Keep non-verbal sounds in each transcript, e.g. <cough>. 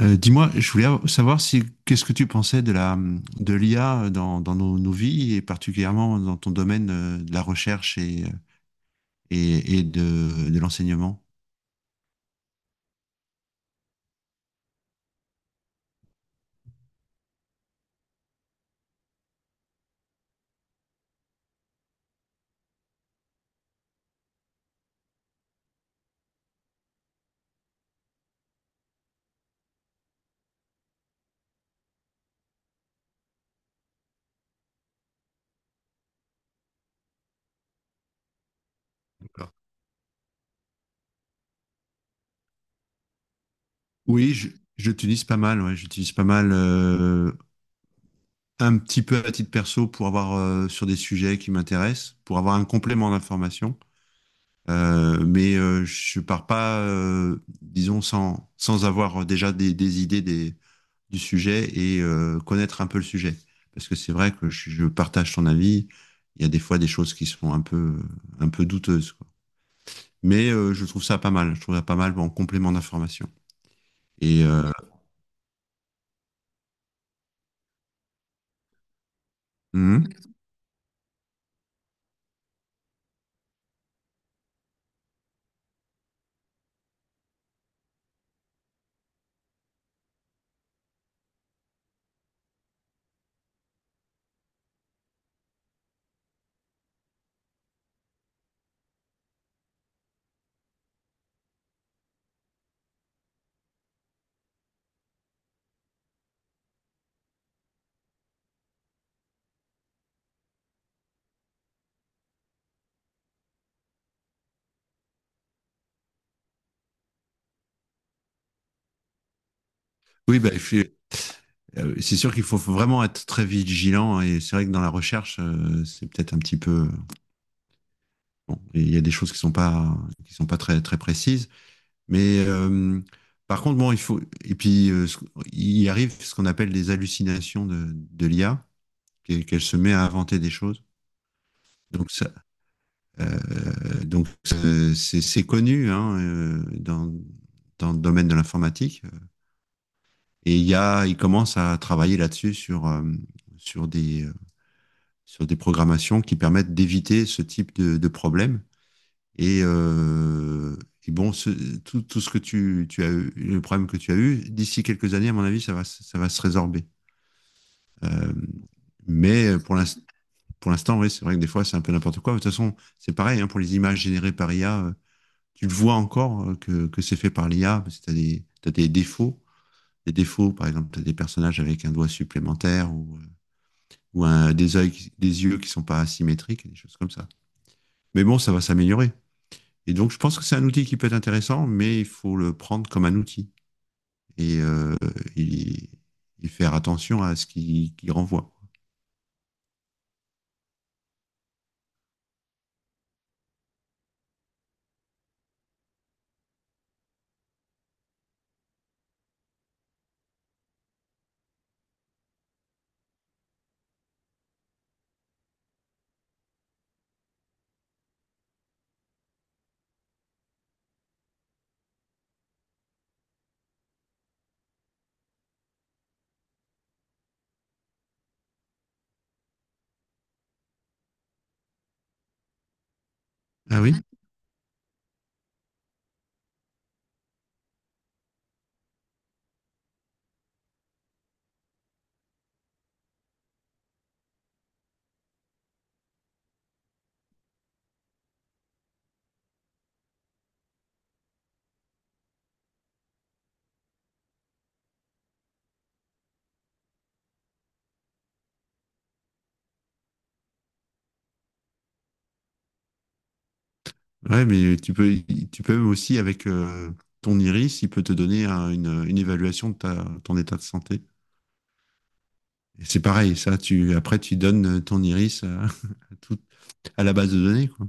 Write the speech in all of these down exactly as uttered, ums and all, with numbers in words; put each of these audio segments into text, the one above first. Euh, dis-moi, je voulais av- savoir si qu'est-ce que tu pensais de la de l'I A dans, dans nos, nos vies et particulièrement dans ton domaine euh, de la recherche et, et, et de, de l'enseignement. D'accord. Oui, je, je l'utilise pas mal. Ouais, j'utilise pas mal euh, un petit peu à titre perso pour avoir euh, sur des sujets qui m'intéressent, pour avoir un complément d'information. Euh, mais euh, je pars pas, euh, disons, sans, sans avoir déjà des, des idées des, du sujet et euh, connaître un peu le sujet. Parce que c'est vrai que je, je partage ton avis. Il y a des fois des choses qui sont un peu, un peu douteuses, quoi. Mais euh, je trouve ça pas mal. Je trouve ça pas mal en complément d'information. Et euh, hum. Oui, bah, je suis- euh, c'est sûr qu'il faut faut vraiment être très vigilant, et c'est vrai que dans la recherche, euh, c'est peut-être un petit peu bon, il y a des choses qui sont pas qui sont pas très très précises. Mais euh, par contre, bon, il faut. Et puis, euh, ce- il arrive ce qu'on appelle des hallucinations de, de l'I A, qu'elle qu'elle se met à inventer des choses. Donc, ça, euh, donc euh, c'est c'est connu, hein, euh, dans, dans le domaine de l'informatique. Et il y a, il commence à travailler là-dessus sur, euh, sur des, euh, sur des programmations qui permettent d'éviter ce type de, de problème. Et, euh, et bon, ce- tout, tout ce que tu, tu as eu, le problème que tu as eu, d'ici quelques années, à mon avis, ça va, se- ça va se résorber. Euh, mais euh, pour l'inst- pour l'instant, oui, c'est vrai que des fois, c'est un peu n'importe quoi. De toute façon, c'est pareil, hein, pour les images générées par I A, euh, tu le vois encore euh, que, que c'est fait par l'I A, parce que tu as des, t'as des défauts. Des défauts, par exemple, tu as des personnages avec un doigt supplémentaire ou, euh, ou un, des, yeux qui, des yeux qui sont pas asymétriques, et des choses comme ça. Mais bon, ça va s'améliorer. Et donc, je pense que c'est un outil qui peut être intéressant, mais il faut le prendre comme un outil et, euh, et, et faire attention à ce qu'il qu'il renvoie. Ah oui? Ouais, mais tu peux, tu peux aussi, avec euh, ton iris, il peut te donner un- une, une évaluation de ta, ton état de santé. Et c'est pareil, ça, tu, après, tu donnes ton iris à, <laughs> à tout- à la base de données, quoi.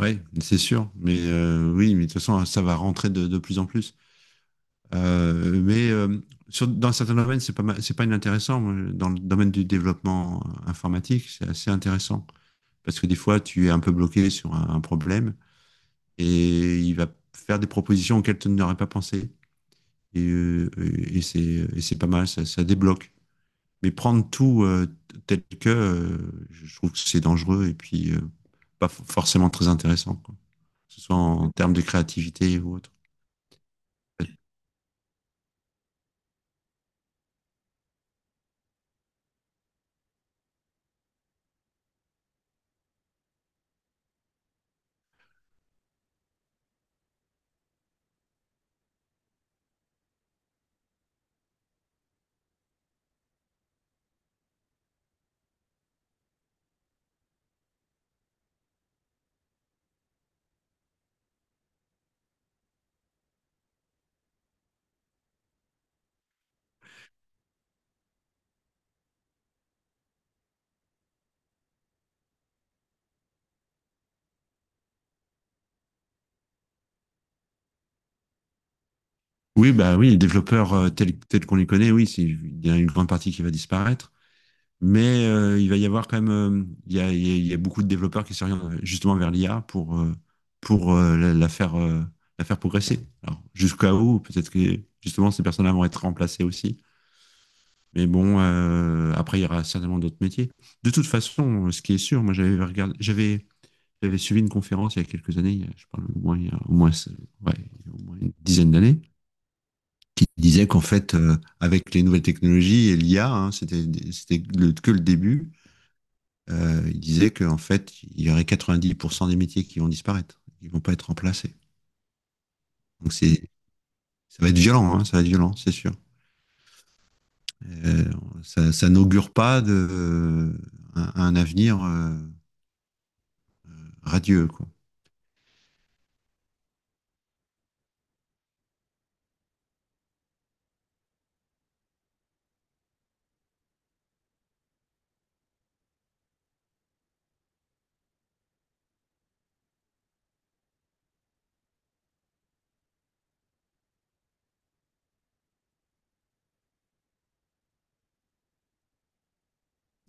Oui, c'est sûr. Mais euh, oui, mais de toute façon, ça va rentrer de, de plus en plus. Euh, mais euh, sur, dans certains domaines, c'est pas mal- c'est pas inintéressant. Moi, dans le domaine du développement informatique, c'est assez intéressant parce que des fois, tu es un peu bloqué sur un, un problème et il va faire des propositions auxquelles tu n'aurais pas pensé. Et, euh, et c'est et c'est pas mal, ça, ça débloque. Mais prendre tout euh, tel que, euh, je trouve que c'est dangereux et puis euh, pas f- forcément très intéressant, quoi. Que ce soit en termes de créativité ou autre. Oui, bah oui, les développeurs euh, tels, tels qu'on les connaît, oui, c'est- il y a une grande partie qui va disparaître, mais euh, il va y avoir quand même, euh, il y a, il y a- il y a beaucoup de développeurs qui s'orientent euh, justement vers l'I A pour, euh, pour euh, la, la faire, euh, la faire progresser. Alors, jusqu'à où, peut-être que justement ces personnes-là vont être remplacées aussi, mais bon, euh, après il y aura certainement d'autres métiers. De toute façon, ce qui est sûr, moi j'avais regardé, j'avais J'avais suivi une conférence il y a quelques années, je parle au moins, il y a au moins, ouais, il y a au moins une dizaine d'années, qui disait qu'en fait, euh, avec les nouvelles technologies et l'I A, hein, c'était, c'était le- que le début. Euh, il disait qu'en fait, il y aurait quatre-vingt-dix pour cent des métiers qui vont disparaître, qui vont pas être remplacés. Donc c'est, ça va être violent, hein, ça va être violent, c'est sûr. Euh, ça, ça n'augure pas de, euh, un, un avenir, euh, radieux, quoi.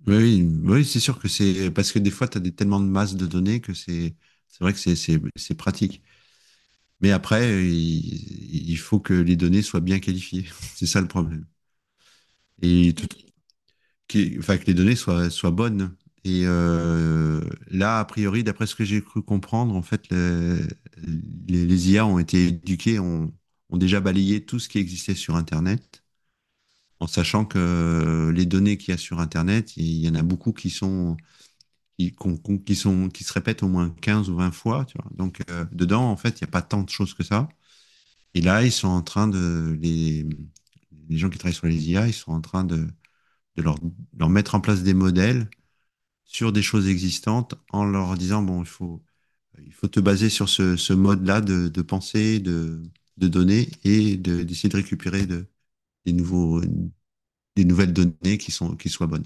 Oui, oui, oui, c'est sûr que c'est parce que des fois, tu as des, tellement de masse de données que c'est c'est vrai que c'est c'est- c'est pratique. Mais après, il, il faut que les données soient bien qualifiées. <laughs> C'est ça le problème. Et tout, qui- enfin, que les données soient, soient bonnes. Et euh, là, a priori, d'après ce que j'ai cru comprendre, en fait, le- les, les I A ont été éduquées, ont, ont déjà balayé tout ce qui existait sur Internet, en sachant que euh, les données qu'il y a sur Internet, il y en a beaucoup qui sont qui, qu qui, sont, qui se répètent au moins quinze ou vingt fois. Tu vois. Donc, euh, dedans, en fait, il n'y a pas tant de choses que ça. Et là, ils sont en train de. Les, les gens qui travaillent sur les I A, ils sont en train de, de leur, leur, mettre en place des modèles sur des choses existantes en leur disant bon, il faut, il faut te baser sur ce, ce mode-là de, de pensée, de, de données et de d'essayer de récupérer de, des, nouveaux, des nouvelles données qui, sont, qui soient bonnes.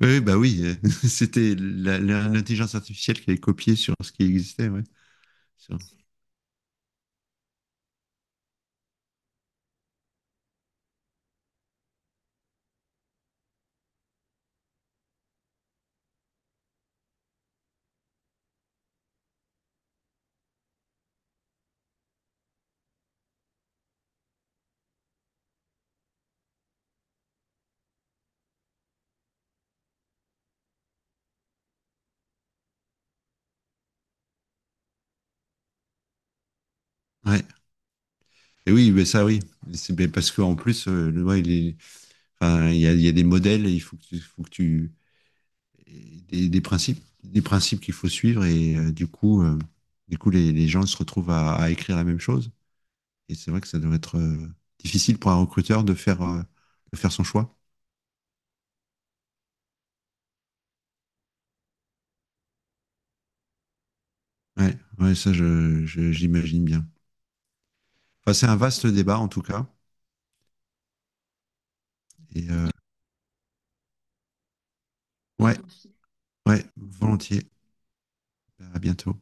Oui, oui, bah oui, euh, <laughs> c'était la- la- l'intelligence artificielle qui avait copié sur ce qui existait, ouais. Sur- ouais. Et oui, mais ça, oui. C'est ben parce qu'en plus, euh, le- ouais, il est- enfin, il y a, il y a des modèles, et il faut que tu, faut que tu et des, des principes, des principes qu'il faut suivre, et euh, du coup, euh, du coup, les, les gens se retrouvent à, à écrire la même chose. Et c'est vrai que ça doit être euh, difficile pour un recruteur de faire, euh, de faire son choix. Ouais, ouais, ça, je, je- j'imagine bien. Enfin, c'est un vaste débat en tout cas. Et euh, ouais. Ouais, volontiers. À bientôt.